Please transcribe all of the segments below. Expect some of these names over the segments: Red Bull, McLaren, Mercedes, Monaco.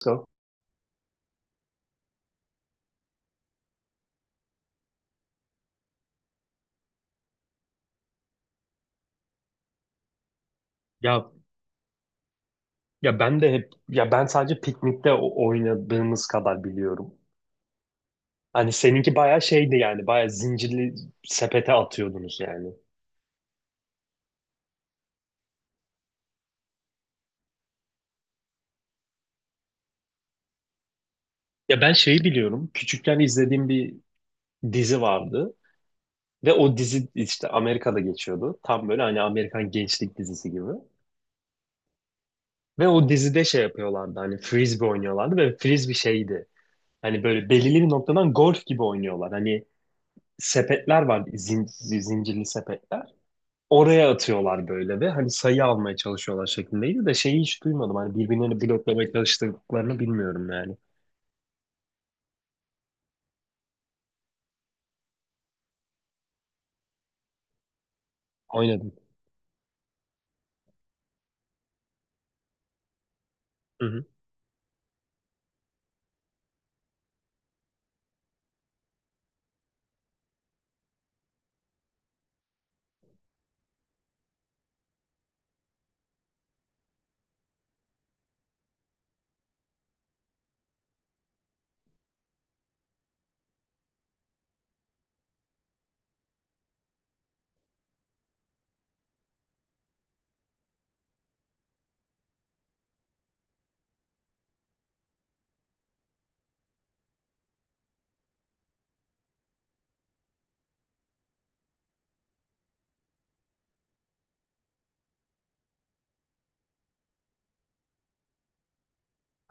Go. Ya ya ben de hep ya ben sadece piknikte oynadığımız kadar biliyorum. Hani seninki bayağı şeydi yani bayağı zincirli sepete atıyordunuz yani. Ya ben şeyi biliyorum. Küçükken izlediğim bir dizi vardı ve o dizi işte Amerika'da geçiyordu. Tam böyle hani Amerikan gençlik dizisi gibi. Ve o dizide şey yapıyorlardı hani frisbee oynuyorlardı ve frisbee şeydi. Hani böyle belirli bir noktadan golf gibi oynuyorlar. Hani sepetler var zincirli sepetler. Oraya atıyorlar böyle ve hani sayı almaya çalışıyorlar şeklindeydi de şeyi hiç duymadım. Hani birbirlerini bloklamaya çalıştıklarını bilmiyorum yani. Oynadım. Hı hı.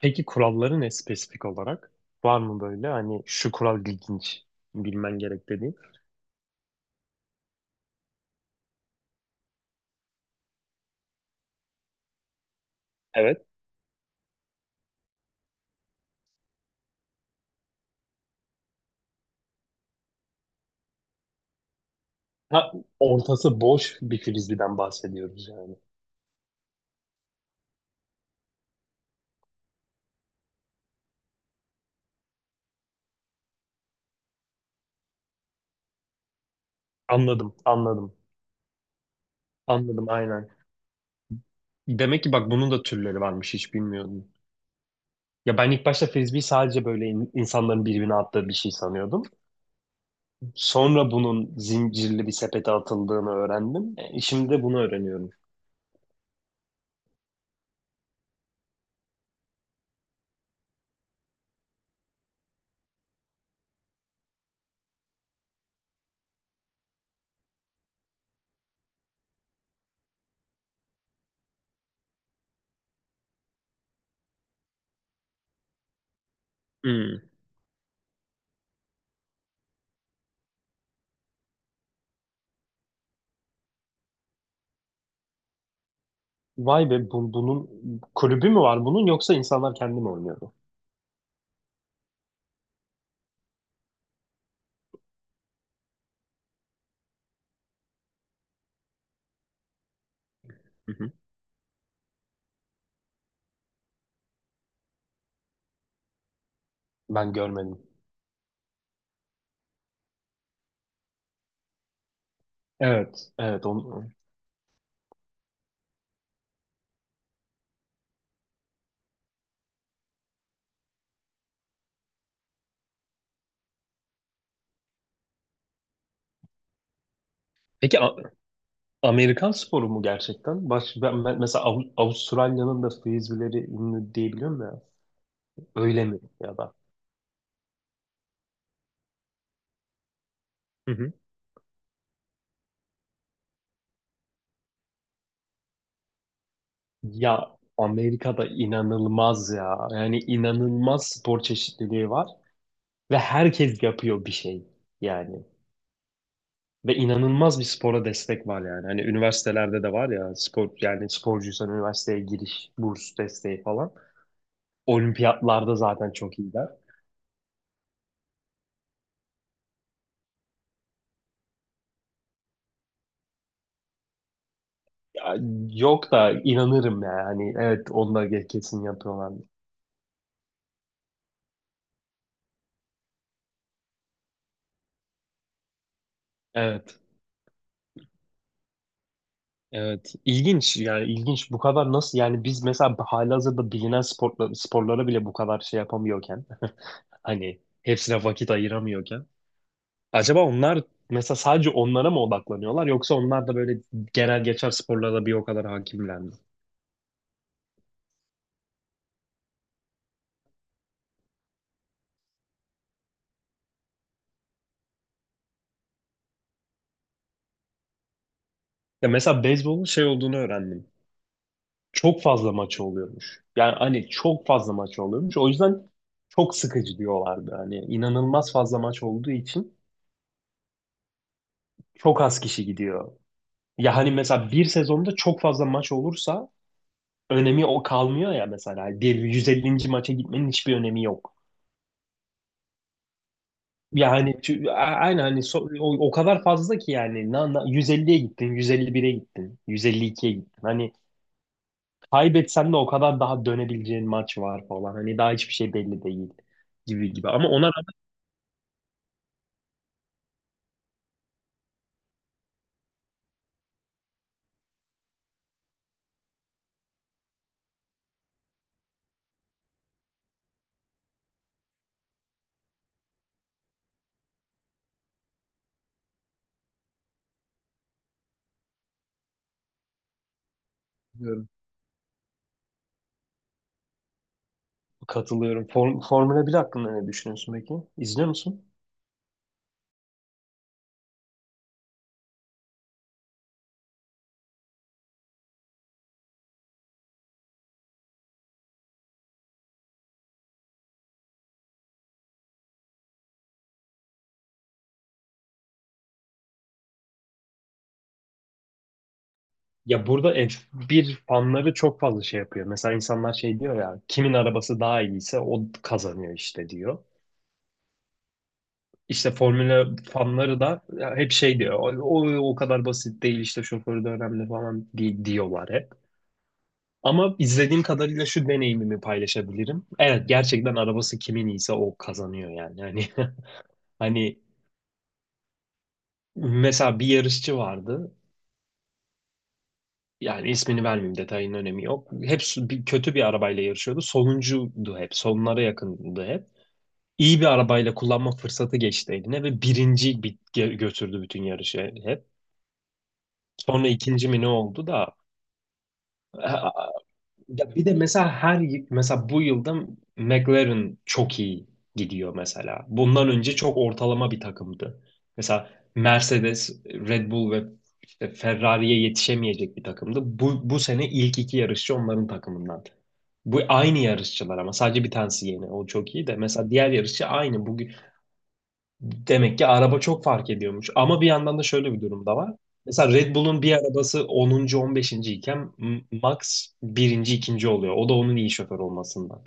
Peki kuralları ne spesifik olarak? Var mı böyle hani şu kural ilginç bilmen gerek dediğin? Evet. Ha, ortası boş bir frisbeeden bahsediyoruz yani. Anladım, anladım. Anladım aynen. Demek ki bak bunun da türleri varmış hiç bilmiyordum. Ya ben ilk başta frisbee sadece böyle insanların birbirine attığı bir şey sanıyordum. Sonra bunun zincirli bir sepete atıldığını öğrendim. E, şimdi de bunu öğreniyorum. Hmm. Vay be bunun kulübü mü var bunun yoksa insanlar kendi mi oynuyordu? Hı hı. Ben görmedim. Evet, evet. Peki Amerikan sporu mu gerçekten? Mesela Avustralya'nın da frisbee'leri ünlü diyebiliyorum ya. Öyle mi ya da? Hı hı. Ya Amerika'da inanılmaz ya. Yani inanılmaz spor çeşitliliği var ve herkes yapıyor bir şey yani. Ve inanılmaz bir spora destek var yani. Hani üniversitelerde de var ya spor yani sporcuysan üniversiteye giriş, burs desteği falan. Olimpiyatlarda zaten çok iyiler. Ya, yok da inanırım yani. Hani evet onlar kesin yapıyorlar. Evet. Evet. İlginç yani ilginç. Bu kadar nasıl yani biz mesela halihazırda bilinen sporla, sporlara bile bu kadar şey yapamıyorken hani hepsine vakit ayıramıyorken acaba onlar mesela sadece onlara mı odaklanıyorlar yoksa onlar da böyle genel geçer sporlara da bir o kadar hakimler mi? Ya mesela beyzbolun şey olduğunu öğrendim. Çok fazla maçı oluyormuş. Yani hani çok fazla maçı oluyormuş. O yüzden çok sıkıcı diyorlardı. Hani inanılmaz fazla maç olduğu için çok az kişi gidiyor. Ya hani mesela bir sezonda çok fazla maç olursa önemi o kalmıyor ya mesela. Bir 150. maça gitmenin hiçbir önemi yok. Yani aynen hani o kadar fazla ki yani 150'ye gittin, 151'e gittin, 152'ye gittin. Hani kaybetsen de o kadar daha dönebileceğin maç var falan. Hani daha hiçbir şey belli değil gibi gibi. Ama ona rağmen... Bilmiyorum. Katılıyorum. Formula 1 hakkında ne düşünüyorsun peki? İzliyor musun? Ya burada F1 fanları çok fazla şey yapıyor. Mesela insanlar şey diyor ya kimin arabası daha iyiyse o kazanıyor işte diyor. İşte Formula fanları da ya hep şey diyor. O kadar basit değil işte şoförü de önemli falan diyorlar hep. Ama izlediğim kadarıyla şu deneyimimi paylaşabilirim. Evet gerçekten arabası kimin iyiyse o kazanıyor yani. Hani hani mesela bir yarışçı vardı. Yani ismini vermeyeyim detayın önemi yok. Hep kötü bir arabayla yarışıyordu. Sonuncuydu hep. Sonlara yakındı hep. İyi bir arabayla kullanma fırsatı geçti eline ve birinci götürdü bütün yarışı hep. Sonra ikinci mi ne oldu da... Ya bir de mesela mesela bu yılda McLaren çok iyi gidiyor mesela. Bundan önce çok ortalama bir takımdı. Mesela Mercedes, Red Bull ve işte Ferrari'ye yetişemeyecek bir takımdı. Bu sene ilk iki yarışçı onların takımından. Bu aynı yarışçılar ama sadece bir tanesi yeni. O çok iyi de mesela diğer yarışçı aynı. Bugün... Demek ki araba çok fark ediyormuş. Ama bir yandan da şöyle bir durum da var. Mesela Red Bull'un bir arabası 10. 15. iken Max birinci ikinci oluyor. O da onun iyi şoför olmasından.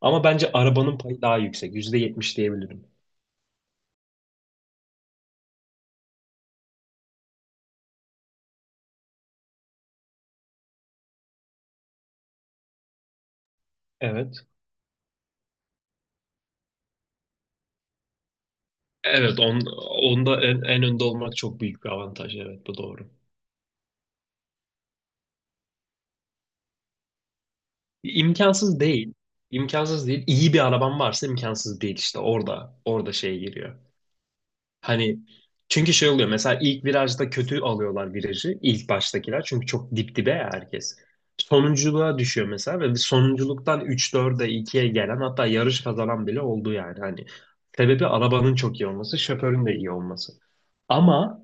Ama bence arabanın payı daha yüksek. %70 diyebilirim. Evet. Evet, onda en önde olmak çok büyük bir avantaj. Evet, bu doğru. İmkansız değil. İmkansız değil. İyi bir araban varsa imkansız değil işte. Orada şey giriyor. Hani çünkü şey oluyor mesela ilk virajda kötü alıyorlar virajı ilk baştakiler çünkü çok dip dibe ya herkes. Sonunculuğa düşüyor mesela ve sonunculuktan 3-4'e ikiye gelen hatta yarış kazanan bile oldu yani. Hani sebebi arabanın çok iyi olması, şoförün de iyi olması. Ama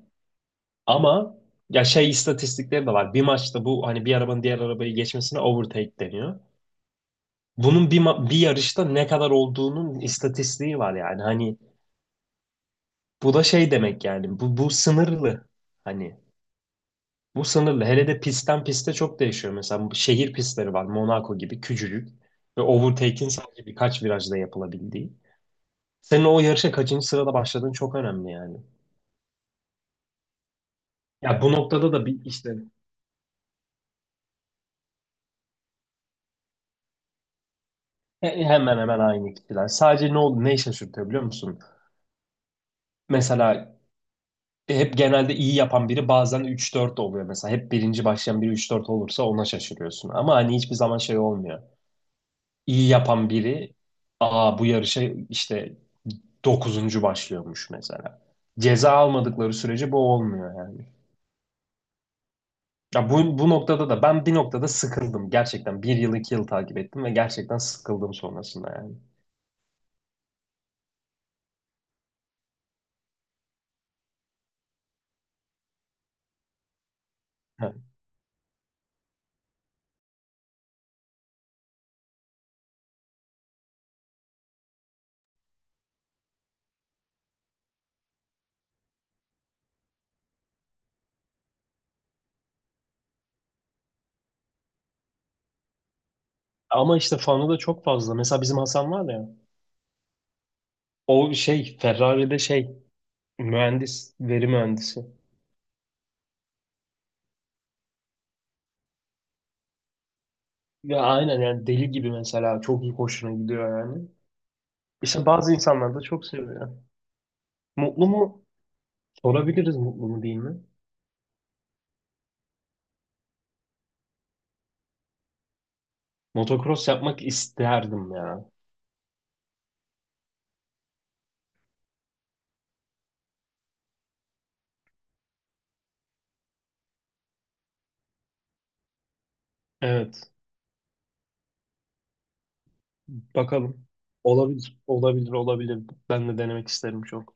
ama ya şey istatistikleri de var. Bir maçta bu hani bir arabanın diğer arabayı geçmesine overtake deniyor. Bunun bir yarışta ne kadar olduğunun istatistiği var yani. Hani bu da şey demek yani. Bu sınırlı. Hani bu sınırlı. Hele de pistten piste çok değişiyor. Mesela bu şehir pistleri var. Monaco gibi küçücük. Ve overtake'in sadece birkaç virajda yapılabildiği. Senin o yarışa kaçıncı sırada başladığın çok önemli yani. Ya bu noktada da bir işte hemen hemen aynı kişiler. Sadece ne oldu, ne işe sürtüyor biliyor musun? Mesela hep genelde iyi yapan biri bazen üç dört oluyor mesela. Hep birinci başlayan biri üç dört olursa ona şaşırıyorsun. Ama hani hiçbir zaman şey olmuyor. İyi yapan biri... Aa, bu yarışa işte dokuzuncu başlıyormuş mesela. Ceza almadıkları sürece bu olmuyor yani. Ya bu noktada da ben bir noktada sıkıldım. Gerçekten bir yıl iki yıl takip ettim ve gerçekten sıkıldım sonrasında yani. Ha. Ama işte fanı da çok fazla. Mesela bizim Hasan var ya. O şey Ferrari'de şey mühendis, veri mühendisi. Ya aynen yani deli gibi mesela çok iyi hoşuna gidiyor yani. İşte bazı insanlar da çok seviyor. Mutlu mu? Sorabiliriz mutlu mu değil mi? Motocross yapmak isterdim ya. Evet. Bakalım. Olabilir, olabilir, olabilir. Ben de denemek isterim çok.